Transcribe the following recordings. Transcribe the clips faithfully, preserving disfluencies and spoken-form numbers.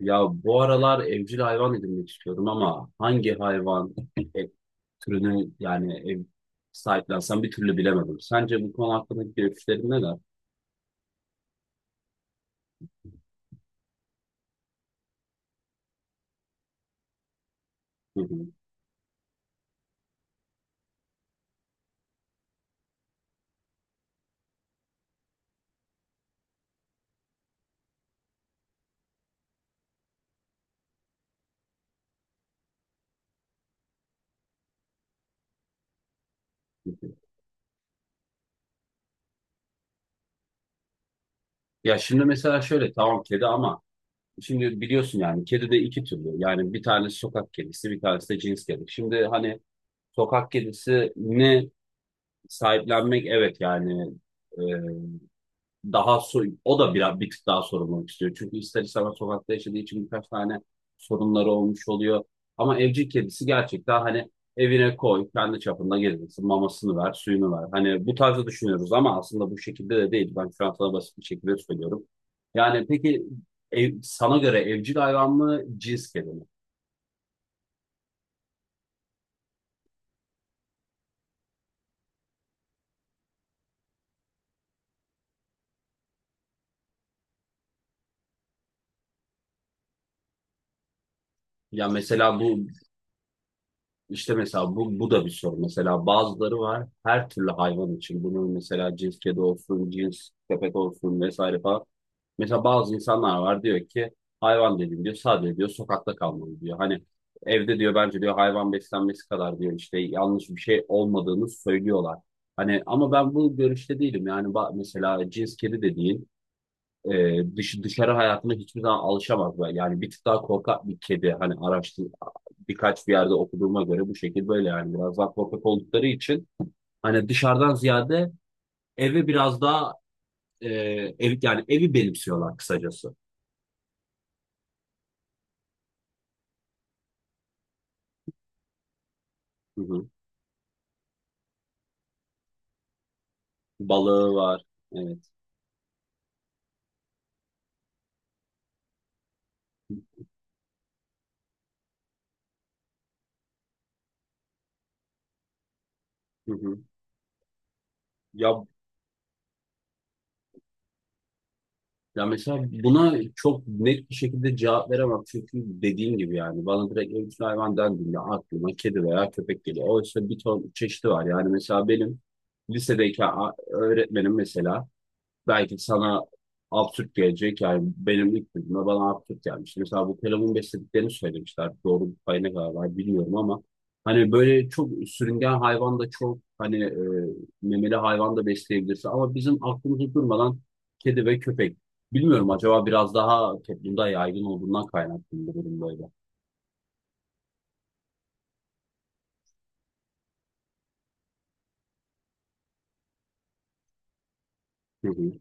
Ya bu aralar evcil hayvan edinmek istiyorum ama hangi hayvan e, türünü yani ev sahiplensem bir türlü bilemedim. Sence bu konu hakkındaki görüşlerin neler? Hı hı, hı hı. Ya şimdi mesela şöyle tamam kedi ama şimdi biliyorsun yani kedi de iki türlü. Yani bir tanesi sokak kedisi bir tanesi de cins kedi. Şimdi hani sokak kedisi ne sahiplenmek evet yani, e, daha so o da biraz bir tık daha sorumluluk istiyor. Çünkü ister istemez sokakta yaşadığı için birkaç tane sorunları olmuş oluyor. Ama evcil kedisi gerçekten hani evine koy, kendi çapında gezdirsin, mamasını ver, suyunu ver. Hani bu tarzda düşünüyoruz ama aslında bu şekilde de değil. Ben şu an sana basit bir şekilde söylüyorum. Yani peki ev- sana göre evcil hayvan mı, cins kedi mi? Ya mesela bu İşte mesela bu, bu da bir soru. Mesela bazıları var her türlü hayvan için. Bunun mesela cins kedi olsun, cins köpek olsun vesaire falan. Mesela bazı insanlar var diyor ki hayvan dedim diyor sadece diyor sokakta kalmalı diyor. Hani evde diyor bence diyor hayvan beslenmesi kadar diyor işte yanlış bir şey olmadığını söylüyorlar. Hani ama ben bu görüşte değilim. Yani ba- mesela cins kedi dediğin e, dış, dışarı hayatına hiçbir zaman alışamaz. Yani bir tık daha korkak bir kedi hani araştır, birkaç bir yerde okuduğuma göre bu şekil böyle yani biraz daha korkak oldukları için hani dışarıdan ziyade eve biraz daha e, ev, yani evi benimsiyorlar kısacası. Hı hı. Balığı var. Evet. Hı hı. Ya ya mesela buna çok net bir şekilde cevap veremem çünkü dediğim gibi yani bana direkt evcil hayvan dendiğinde aklıma kedi veya köpek geliyor. Oysa bir ton çeşidi var yani mesela benim lisedeyken a- öğretmenim mesela belki sana absürt gelecek. Yani benim ilk duyduğumda bana absürt gelmişti. Mesela bu kelamun beslediklerini söylemişler. Doğru bir payına kadar var bilmiyorum ama hani böyle çok sürüngen hayvan da çok hani, e, memeli hayvan da besleyebilirsin. Ama bizim aklımızda durmadan kedi ve köpek. Bilmiyorum acaba biraz daha toplumda yaygın olduğundan kaynaklı mı bu durum böyle. Hı hı,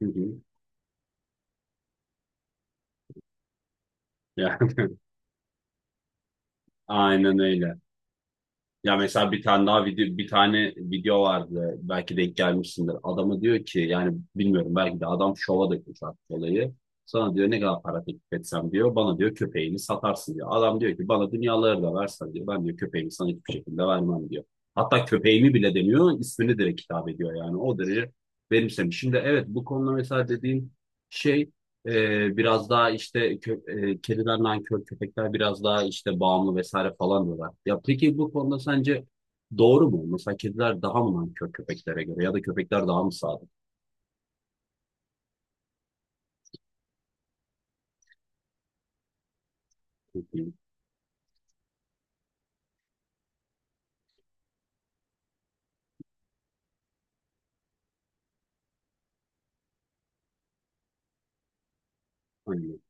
hı hı. Yani aynen öyle. Ya mesela bir tane daha video bir tane video vardı belki denk gelmişsindir. Adamı diyor ki yani bilmiyorum belki de adam şova dökmüş artık olayı. Sana diyor ne kadar para teklif etsem diyor. Bana diyor köpeğini satarsın diyor. Adam diyor ki bana dünyaları da versen diyor. Ben diyor köpeğimi sana hiçbir şekilde vermem diyor. Hatta köpeğimi bile demiyor ismini direkt hitap ediyor yani o derece benimsemiş. Şimdi evet bu konuda mesela dediğin şey, ee, biraz daha işte kö e, kediler nankör, köpekler biraz daha işte bağımlı vesaire falan diyorlar. Ya peki bu konuda sence doğru mu? Mesela kediler daha mı nankör köpeklere göre ya da köpekler daha mı sadık? Hı hı, aynen.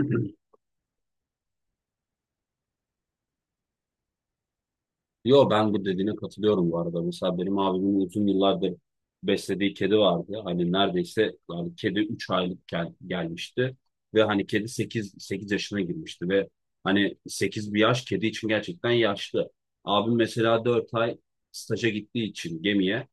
Hı hı. Yo ben bu dediğine katılıyorum bu arada. Mesela benim abimin uzun yıllardır beslediği kedi vardı. Hani neredeyse yani kedi üç aylık gel- gelmişti ve hani kedi sekiz sekiz yaşına girmişti ve hani sekiz bir yaş kedi için gerçekten yaşlı. Abim mesela dört ay staja gittiği için gemiye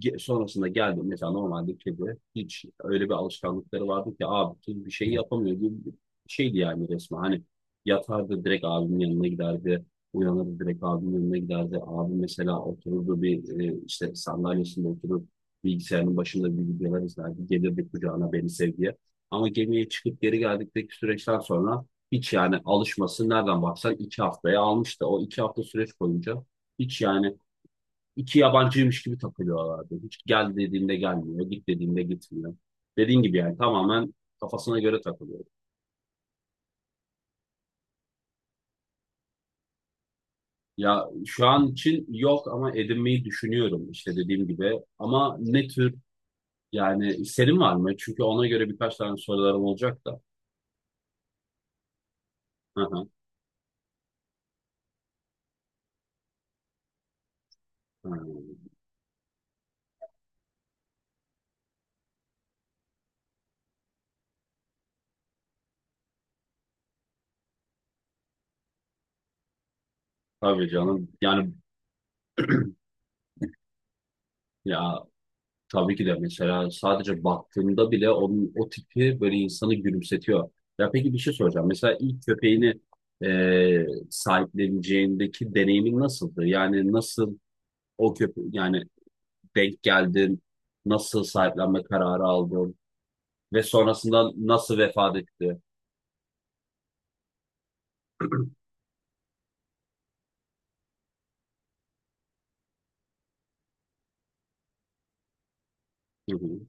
ge- sonrasında geldi mesela normalde kedi hiç öyle bir alışkanlıkları vardı ki abi bir şey yapamıyor gibi bir şeydi yani resmen. Hani yatardı direkt abimin yanına giderdi. Uyanır direkt abimin önüne giderdi. Abi mesela otururdu bir, e, işte sandalyesinde oturup bilgisayarın başında bir videolar izlerdi. Gelirdi kucağına beni sev diye. Ama gemiye çıkıp geri geldikteki süreçten sonra hiç yani alışması nereden baksan iki haftaya almıştı. O iki hafta süreç boyunca hiç yani iki yabancıymış gibi takılıyorlardı. Hiç gel dediğinde gelmiyor, git dediğinde gitmiyor. Dediğin gibi yani tamamen kafasına göre takılıyor. Ya şu an için yok ama edinmeyi düşünüyorum işte dediğim gibi. Ama ne tür yani senin var mı? Çünkü ona göre birkaç tane sorularım olacak da. Hı hı. Hı. Tabii canım. Yani ya tabii ki de mesela sadece baktığımda bile onun o tipi böyle insanı gülümsetiyor. Ya peki bir şey soracağım. Mesela ilk köpeğini e, sahipleneceğindeki deneyimin nasıldı? Yani nasıl o köpe yani denk geldin? Nasıl sahiplenme kararı aldın? Ve sonrasında nasıl vefat etti? Hı hı.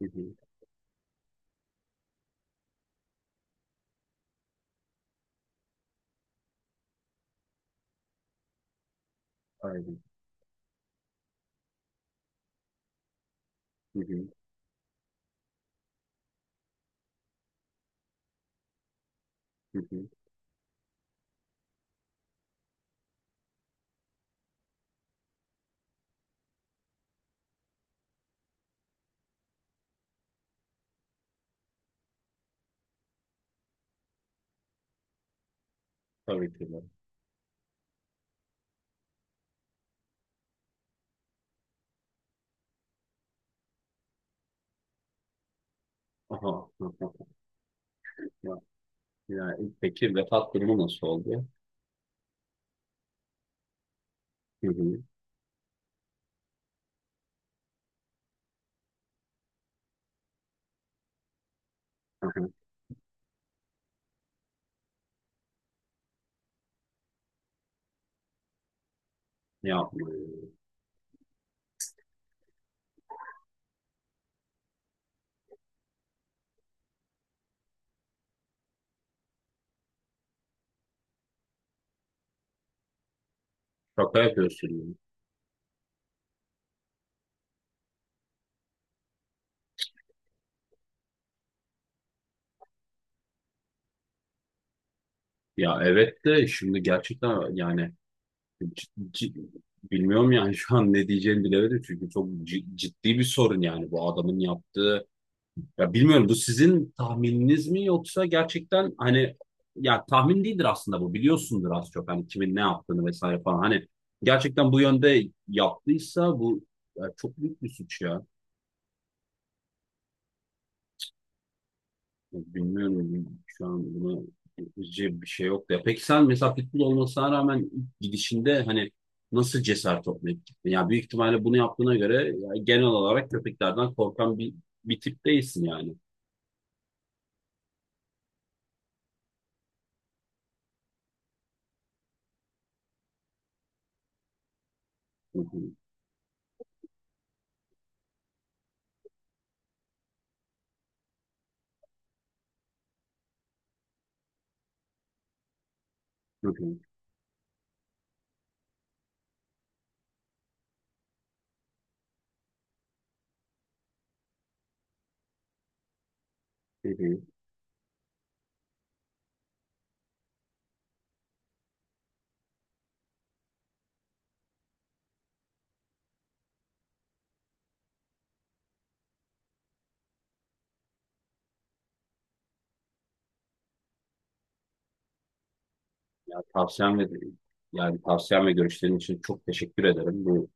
Hı hı. Aynen. Hı hı. Hı hı. Tabii ki de. Aha. Ya, ya, peki vefat durumu nasıl oldu? Hı hı. Aha. Yapma ya. Şaka yapıyorsun. Ya ya, evet de şimdi gerçekten yani cid- cid- bilmiyorum yani şu an ne diyeceğimi bilemedim çünkü çok cid- ciddi bir sorun yani bu adamın yaptığı. Ya bilmiyorum bu sizin tahmininiz mi yoksa gerçekten hani, ya tahmin değildir aslında bu biliyorsundur az çok hani kimin ne yaptığını vesaire falan hani gerçekten bu yönde yaptıysa bu ya çok büyük bir suç ya. Ya bilmiyorum şu an buna yapıcı bir şey yok ya. Peki sen mesela futbol olmasına rağmen ilk gidişinde hani nasıl cesaret toplayıp gittin? Ya büyük ihtimalle bunu yaptığına göre ya genel olarak köpeklerden korkan bir, bir tip değilsin yani. Hı hı, hı hı. Ya tavsiyem ve yani tavsiyem ve görüşlerin için çok teşekkür ederim. Bu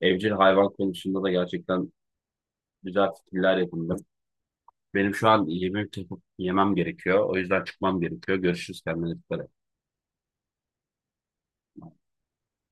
evcil hayvan konusunda da gerçekten güzel fikirler edindim. Benim şu an yemek yapıp yemem gerekiyor. O yüzden çıkmam gerekiyor. Görüşürüz kendine dikkat et.